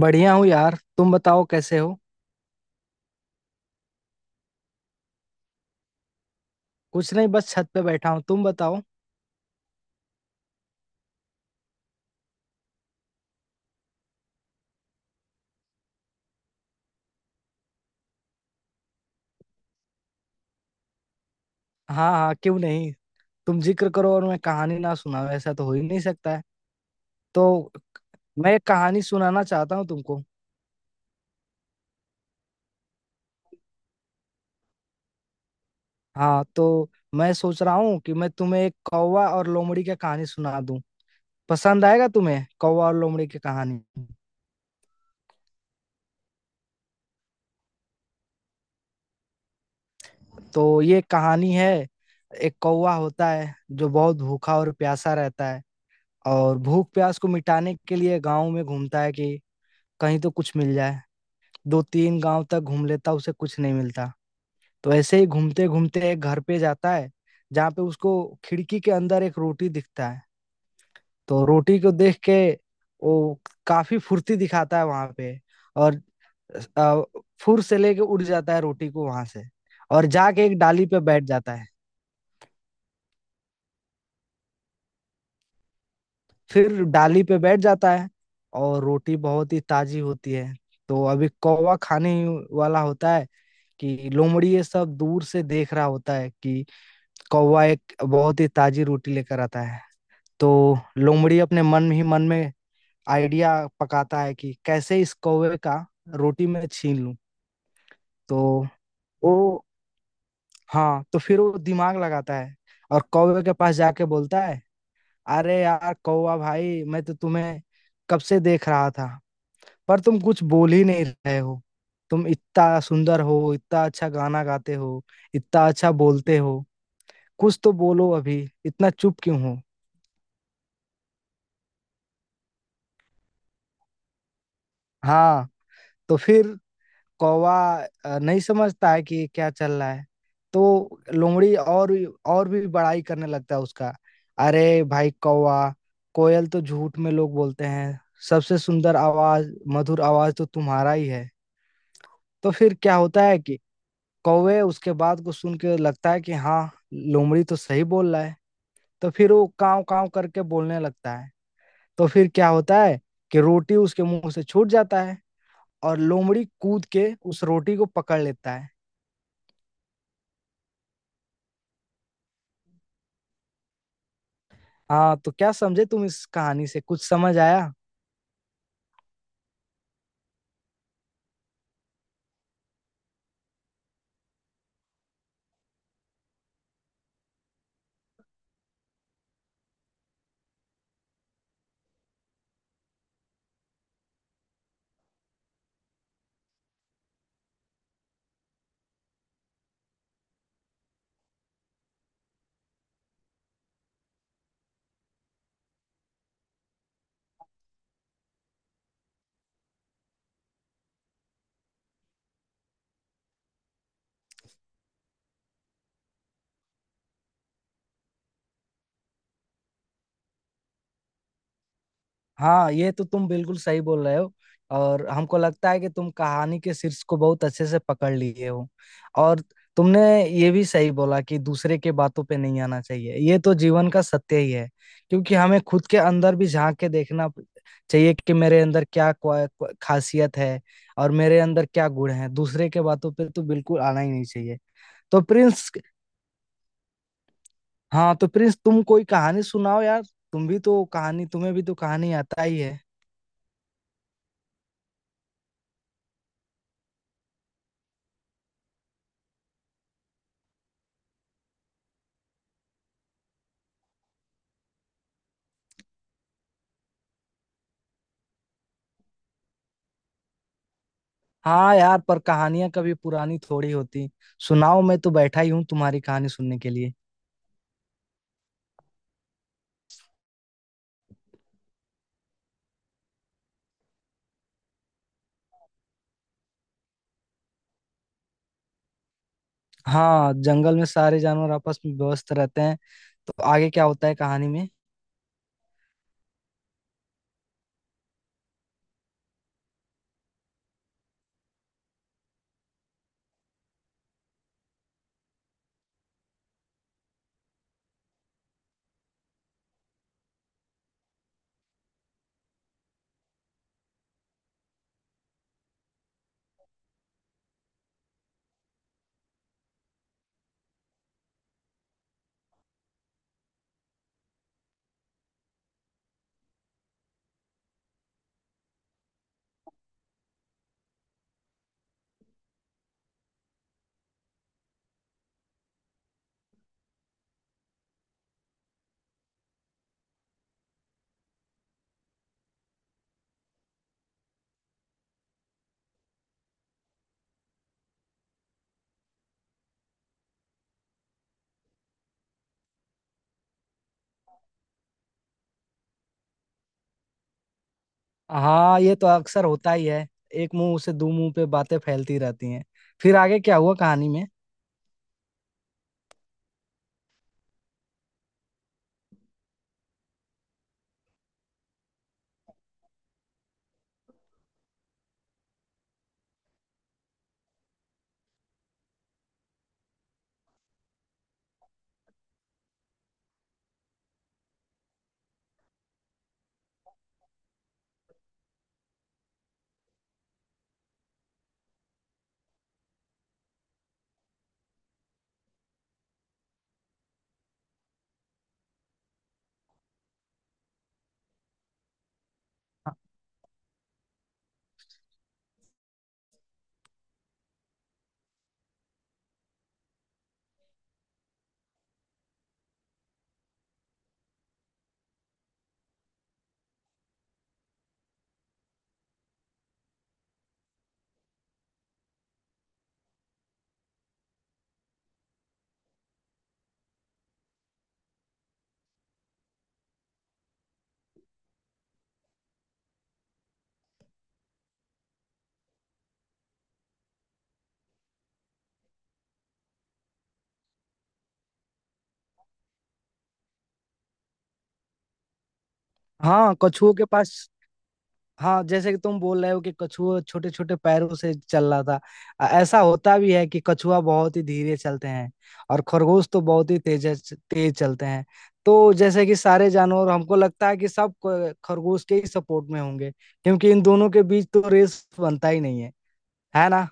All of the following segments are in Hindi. बढ़िया हूँ यार। तुम बताओ कैसे हो। कुछ नहीं, बस छत पे बैठा हूँ, तुम बताओ। हाँ हाँ क्यों नहीं। तुम जिक्र करो और मैं कहानी ना सुनाऊँ, ऐसा तो हो ही नहीं सकता है। तो मैं एक कहानी सुनाना चाहता हूँ तुमको। हाँ तो मैं सोच रहा हूँ कि मैं तुम्हें एक कौवा और लोमड़ी की कहानी सुना दूँ। पसंद आएगा तुम्हें कौवा और लोमड़ी की कहानी। तो ये कहानी है। एक कौवा होता है जो बहुत भूखा और प्यासा रहता है। और भूख प्यास को मिटाने के लिए गाँव में घूमता है कि कहीं तो कुछ मिल जाए। दो तीन गांव तक घूम लेता उसे कुछ नहीं मिलता। तो ऐसे ही घूमते घूमते एक घर पे जाता है जहाँ पे उसको खिड़की के अंदर एक रोटी दिखता है। तो रोटी को देख के वो काफी फुर्ती दिखाता है वहां पे और अ, फुर से लेके उड़ जाता है रोटी को वहां से। और जाके एक डाली पे बैठ जाता है। फिर डाली पे बैठ जाता है और रोटी बहुत ही ताजी होती है। तो अभी कौवा खाने ही वाला होता है कि लोमड़ी ये सब दूर से देख रहा होता है कि कौवा एक बहुत ही ताजी रोटी लेकर आता है। तो लोमड़ी अपने मन ही मन में आइडिया पकाता है कि कैसे इस कौवे का रोटी में छीन लूं। तो वो हाँ तो फिर वो दिमाग लगाता है और कौवे के पास जाके बोलता है, अरे यार कौवा भाई, मैं तो तुम्हें कब से देख रहा था पर तुम कुछ बोल ही नहीं रहे हो। तुम इतना सुंदर हो, इतना अच्छा गाना गाते हो, इतना अच्छा बोलते हो। कुछ तो बोलो अभी, इतना चुप क्यों हो। हाँ तो फिर कौवा नहीं समझता है कि क्या चल रहा है। तो लोमड़ी और भी बड़ाई करने लगता है उसका। अरे भाई कौवा, कोयल तो झूठ में लोग बोलते हैं, सबसे सुंदर आवाज, मधुर आवाज तो तुम्हारा ही है। तो फिर क्या होता है कि कौवे उसके बात को सुन के लगता है कि हाँ, लोमड़ी तो सही बोल रहा है। तो फिर वो काव काव करके बोलने लगता है। तो फिर क्या होता है कि रोटी उसके मुंह से छूट जाता है और लोमड़ी कूद के उस रोटी को पकड़ लेता है। हाँ तो क्या समझे तुम इस कहानी से, कुछ समझ आया। हाँ ये तो तुम बिल्कुल सही बोल रहे हो। और हमको लगता है कि तुम कहानी के शीर्ष को बहुत अच्छे से पकड़ लिए हो। और तुमने ये भी सही बोला कि दूसरे के बातों पे नहीं आना चाहिए, ये तो जीवन का सत्य ही है। क्योंकि हमें खुद के अंदर भी झांक के देखना चाहिए कि मेरे अंदर क्या क्वा- क्वा- खासियत है। और मेरे अंदर क्या गुण है, दूसरे के बातों पे तो बिल्कुल आना ही नहीं चाहिए। तो प्रिंस हाँ तो प्रिंस तुम कोई कहानी सुनाओ यार। तुम भी तो कहानी, तुम्हें भी तो कहानी आता ही है। हाँ यार, पर कहानियां कभी पुरानी थोड़ी होती। सुनाओ, मैं तो बैठा ही हूँ तुम्हारी कहानी सुनने के लिए। हाँ, जंगल में सारे जानवर आपस में व्यस्त रहते हैं। तो आगे क्या होता है कहानी में। हाँ ये तो अक्सर होता ही है। एक मुंह से दो मुंह पे बातें फैलती रहती हैं। फिर आगे क्या हुआ कहानी में। हाँ कछुओं के पास, हाँ जैसे कि तुम बोल रहे हो कि कछुआ छोटे छोटे पैरों से चल रहा था। ऐसा होता भी है कि कछुआ बहुत ही धीरे चलते हैं। और खरगोश तो बहुत ही तेज तेज चलते हैं। तो जैसे कि सारे जानवर, हमको लगता है कि सब खरगोश के ही सपोर्ट में होंगे। क्योंकि इन दोनों के बीच तो रेस बनता ही नहीं है, है ना।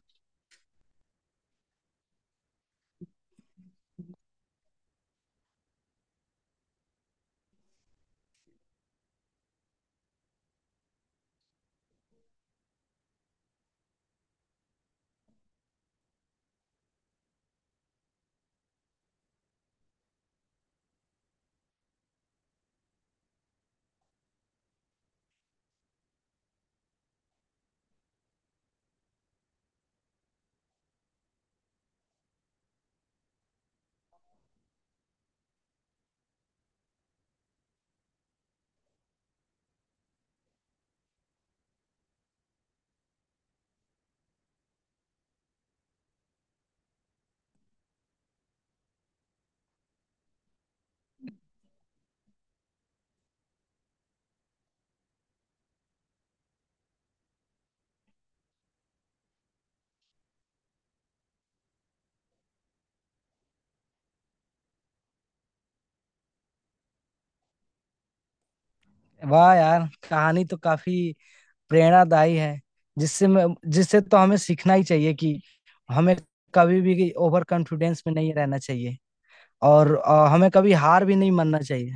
वाह यार, कहानी तो काफी प्रेरणादायी है। जिससे मैं, जिससे तो हमें सीखना ही चाहिए कि हमें कभी भी ओवर कॉन्फिडेंस में नहीं रहना चाहिए। और हमें कभी हार भी नहीं मानना चाहिए।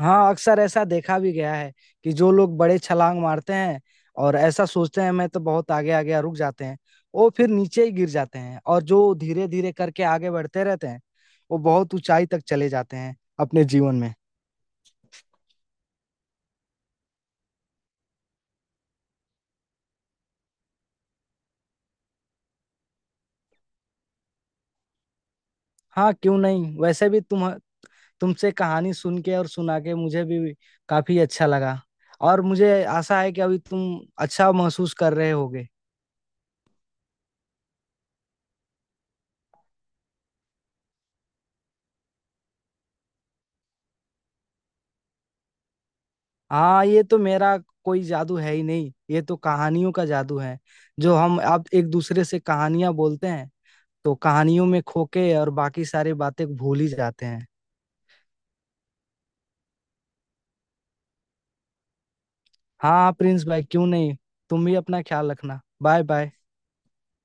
हाँ अक्सर ऐसा देखा भी गया है कि जो लोग बड़े छलांग मारते हैं और ऐसा सोचते हैं मैं तो बहुत आगे आ गया, रुक जाते हैं, वो फिर नीचे ही गिर जाते हैं। और जो धीरे धीरे करके आगे बढ़ते रहते हैं, वो बहुत ऊंचाई तक चले जाते हैं अपने जीवन में। हाँ क्यों नहीं। वैसे भी तुम, तुमसे कहानी सुन के और सुना के मुझे भी काफी अच्छा लगा। और मुझे आशा है कि अभी तुम अच्छा महसूस कर रहे होगे। हाँ ये तो मेरा कोई जादू है ही नहीं, ये तो कहानियों का जादू है। जो हम अब एक दूसरे से कहानियां बोलते हैं तो कहानियों में खोके और बाकी सारी बातें भूल ही जाते हैं। हाँ प्रिंस भाई क्यों नहीं। तुम भी अपना ख्याल रखना। Bye bye.